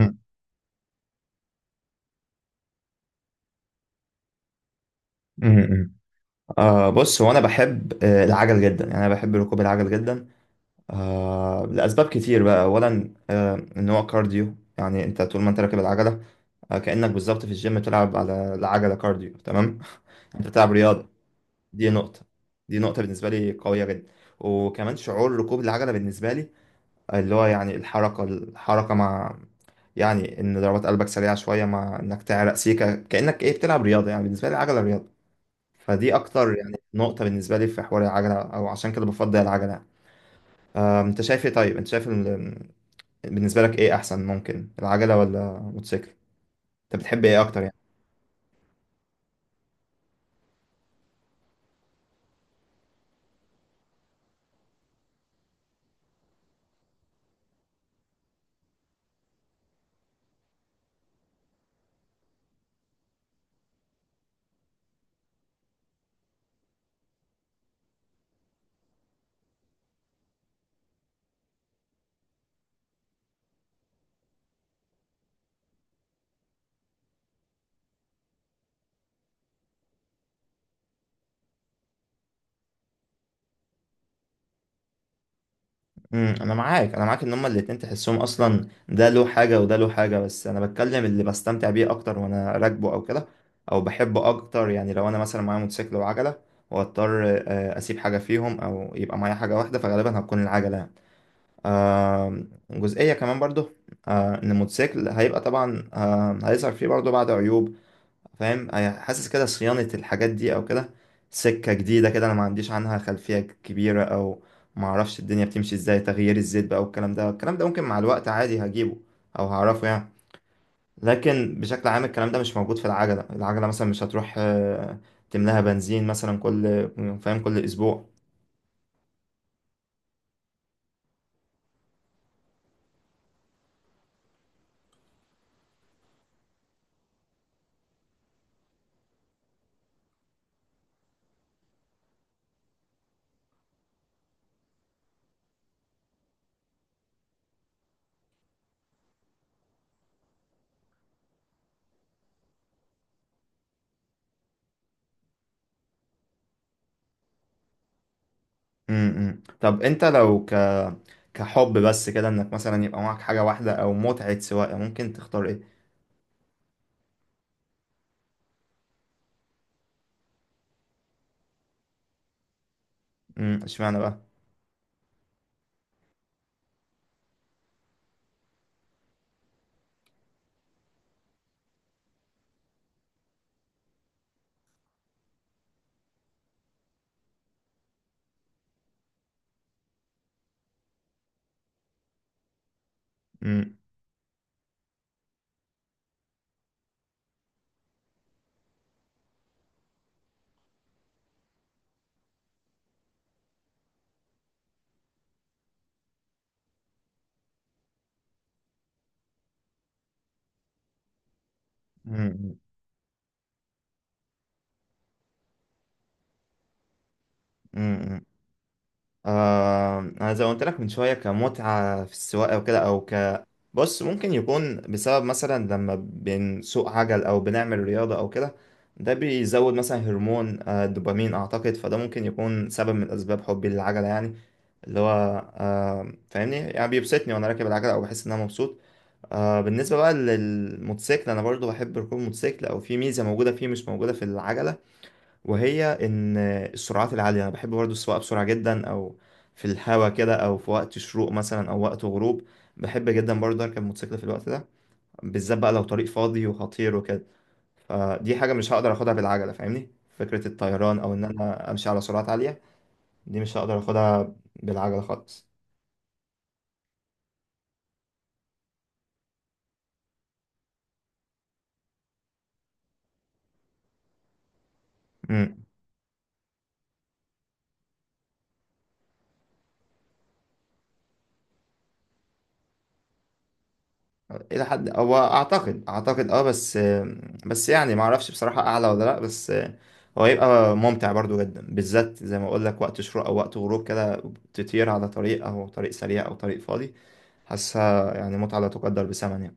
مم. مم. بص، هو انا بحب العجل جدا، يعني انا بحب ركوب العجل جدا. لاسباب كتير بقى، اولا ان هو كارديو، يعني انت طول ما انت راكب العجله كانك بالظبط في الجيم بتلعب على العجله كارديو، تمام. انت بتلعب رياضه. دي نقطه، دي نقطه بالنسبه لي قويه جدا. وكمان شعور ركوب العجله بالنسبه لي، اللي هو يعني الحركه، الحركه مع، يعني ان ضربات قلبك سريعه شويه مع انك تعرق سيكه، كانك ايه بتلعب رياضه، يعني بالنسبه لي العجله رياضه. فدي اكتر يعني نقطة بالنسبة لي في حوار العجلة، او عشان كده بفضل العجلة. انت شايف ايه؟ طيب انت شايف بالنسبة لك ايه احسن؟ ممكن العجلة ولا موتوسيكل؟ انت بتحب ايه اكتر يعني؟ انا معاك، انا معاك ان هما الاتنين، تحسهم اصلا ده له حاجة وده له حاجة، بس انا بتكلم اللي بستمتع بيه اكتر وانا راكبه او كده، او بحبه اكتر. يعني لو انا مثلا معايا موتوسيكل وعجلة، واضطر اسيب حاجة فيهم او يبقى معايا حاجة واحدة، فغالبا هتكون العجلة يعني. آه جزئية كمان برضه، إن الموتوسيكل هيبقى طبعا هيظهر فيه برضه بعض عيوب، فاهم؟ حاسس كده صيانة الحاجات دي أو كده، سكة جديدة كده أنا ما عنديش عنها خلفية كبيرة، أو ما أعرفش الدنيا بتمشي إزاي، تغيير الزيت بقى والكلام ده ممكن مع الوقت عادي هجيبه، أو هعرفه يعني. لكن بشكل عام الكلام ده مش موجود في العجلة. العجلة، مثلا مش هتروح تملاها بنزين مثلا كل أسبوع. م -م. طب أنت لو كحب بس كده انك مثلا يبقى معاك حاجة واحدة او متعة سواقة، ممكن تختار ايه؟ اشمعنى بقى؟ امم، امم، امم. انا زي ما قلت لك من شوية، كمتعة في السواقة وكده، او بص، ممكن يكون بسبب مثلا لما بنسوق عجل او بنعمل رياضة او كده، ده بيزود مثلا هرمون الدوبامين اعتقد، فده ممكن يكون سبب من اسباب حبي للعجلة يعني، اللي هو فاهمني، يعني بيبسطني وانا راكب العجلة، او بحس ان انا مبسوط. بالنسبة بقى للموتوسيكل، أنا برضو بحب ركوب الموتوسيكل، أو في ميزة موجودة فيه مش موجودة في العجلة، وهي إن السرعات العالية، أنا بحب برضو السواقة بسرعة جدا، أو في الهوا كده، أو في وقت شروق مثلا أو وقت غروب. بحب جدا برضو أركب موتوسيكل في الوقت ده، بالذات بقى لو طريق فاضي وخطير وكده. فدي حاجة مش هقدر أخدها بالعجلة، فاهمني؟ فكرة الطيران أو إن أنا أمشي على سرعات عالية، دي مش هقدر أخدها بالعجلة خالص. الى حد هو اعتقد بس، يعني ما اعرفش بصراحه اعلى ولا لا، بس هو هيبقى ممتع برضو جدا، بالذات زي ما اقول لك وقت شروق او وقت غروب كده، تطير على طريق او طريق سريع او طريق فاضي. حاسها يعني متعه لا تقدر بثمن يعني.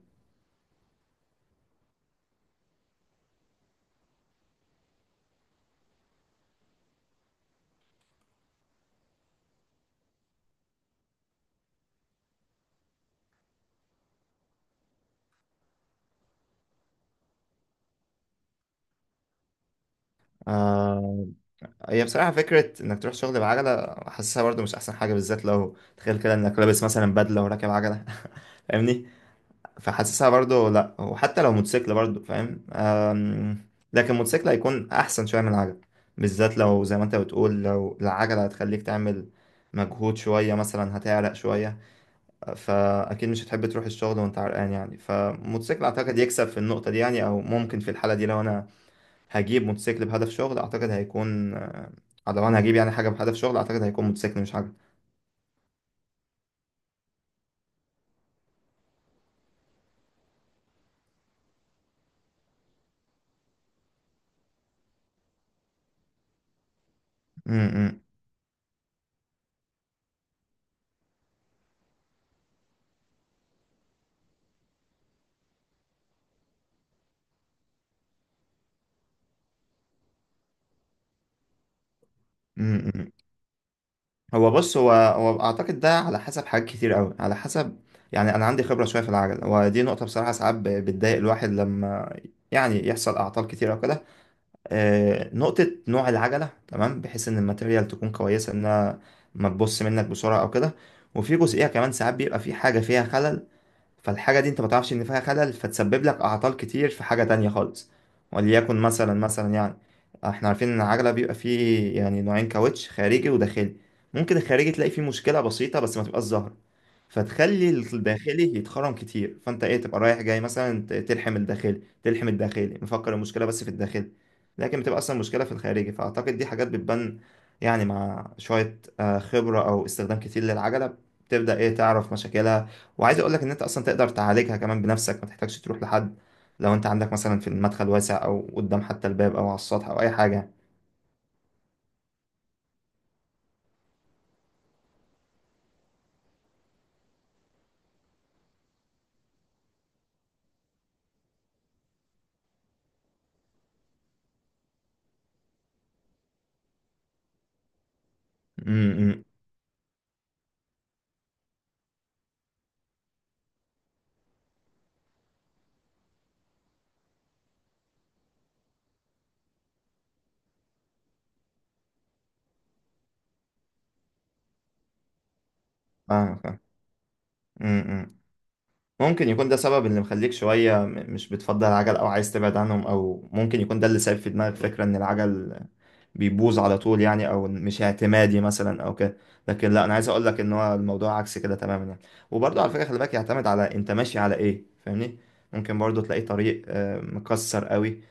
آه هي بصراحه فكره انك تروح شغل بعجله، حاسسها برضو مش احسن حاجه، بالذات لو تخيل كده انك لابس مثلا بدله وراكب عجله. فاهمني؟ فحاسسها برضو لا، وحتى لو موتوسيكل برضو فاهم، لكن موتوسيكل هيكون احسن شويه من العجل، بالذات لو زي ما انت بتقول لو العجله هتخليك تعمل مجهود شويه، مثلا هتعرق شويه، فاكيد مش هتحب تروح الشغل وانت عرقان يعني. فموتوسيكل اعتقد يكسب في النقطه دي يعني، او ممكن في الحاله دي لو انا هجيب موتوسيكل بهدف شغل اعتقد هيكون لو انا هجيب يعني حاجه بهدف شغل، اعتقد هيكون موتوسيكل مش عجل. م- م- م- م. هو بص، هو اعتقد ده على حسب حاجات كتير قوي، على حسب، يعني انا عندي خبره شويه في العجل، ودي نقطه بصراحه ساعات بتضايق الواحد لما يعني يحصل اعطال كتير او كده. نقطه نوع العجله، تمام بحيث ان الماتيريال تكون كويسه، انها ما تبص منك بسرعه او كده. وفي جزئيه كمان ساعات بيبقى في حاجه فيها خلل، فالحاجة دي انت ما تعرفش ان فيها خلل، فتسبب لك اعطال كتير في حاجة تانية خالص. وليكن مثلا يعني، احنا عارفين ان العجلة بيبقى فيه يعني نوعين كاوتش، خارجي وداخلي. ممكن الخارجي تلاقي فيه مشكلة بسيطة بس ما تبقاش ظاهرة، فتخلي الداخلي يتخرم كتير، فانت ايه تبقى رايح جاي مثلا تلحم الداخلي، تلحم الداخلي مفكر المشكلة بس في الداخلي، لكن بتبقى اصلا مشكلة في الخارجي. فاعتقد دي حاجات بتبان، يعني مع شوية خبرة او استخدام كتير للعجلة، بتبدأ ايه تعرف مشاكلها، وعايز اقول لك ان انت اصلا تقدر تعالجها كمان بنفسك، ما تحتاجش تروح لحد، لو انت عندك مثلا في المدخل واسع او قدام حتى الباب او على السطح او اي حاجه. امم، فاهم فاهم، امم. ممكن يكون ده سبب اللي مخليك شويه مش بتفضل العجل، او عايز تبعد عنهم، او ممكن يكون ده اللي سايب في دماغك فكره ان العجل بيبوظ على طول يعني، او مش اعتمادي مثلا او كده. لكن لا، انا عايز اقول لك ان هو الموضوع عكس كده تماما يعني. وبرضه على فكره، خلي بالك يعتمد على انت ماشي على ايه، فاهمني؟ ممكن برضه تلاقي طريق مكسر قوي،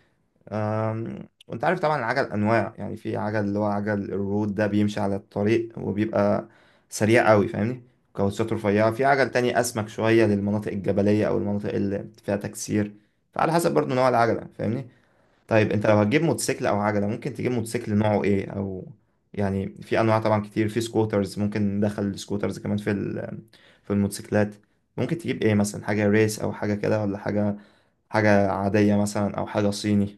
وانت عارف طبعا العجل انواع. يعني في عجل اللي هو عجل الرود، ده بيمشي على الطريق وبيبقى سريع قوي، فاهمني؟ كاوتشات رفيعه. في عجل تاني اسمك شويه للمناطق الجبليه او المناطق اللي فيها تكسير، فعلى حسب برضو نوع العجله، فاهمني. طيب انت لو هتجيب موتوسيكل او عجله، ممكن تجيب موتوسيكل نوعه ايه؟ او يعني في انواع طبعا كتير، في سكوترز، ممكن ندخل السكوترز كمان في في الموتوسيكلات. ممكن تجيب ايه مثلا؟ حاجه ريس او حاجه كده، ولا حاجه عاديه مثلا، او حاجه صيني؟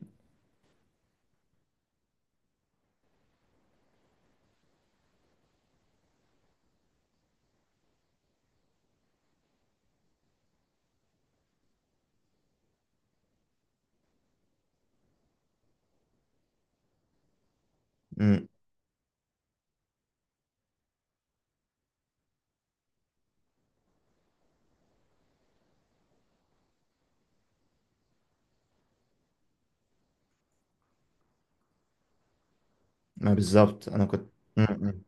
ما بالظبط انا كنت. م- م.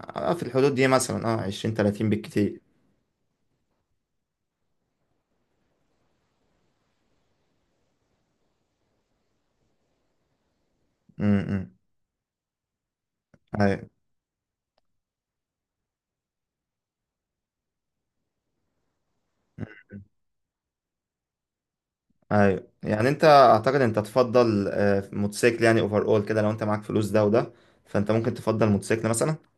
في الحدود دي مثلا 20 30 بالكتير. م- م. ايوه. م- ايوه، يعني انت اعتقد انت تفضل موتوسيكل يعني اوفر، اول كده لو انت معاك فلوس ده وده، فانت ممكن تفضل موتوسيكل مثلا.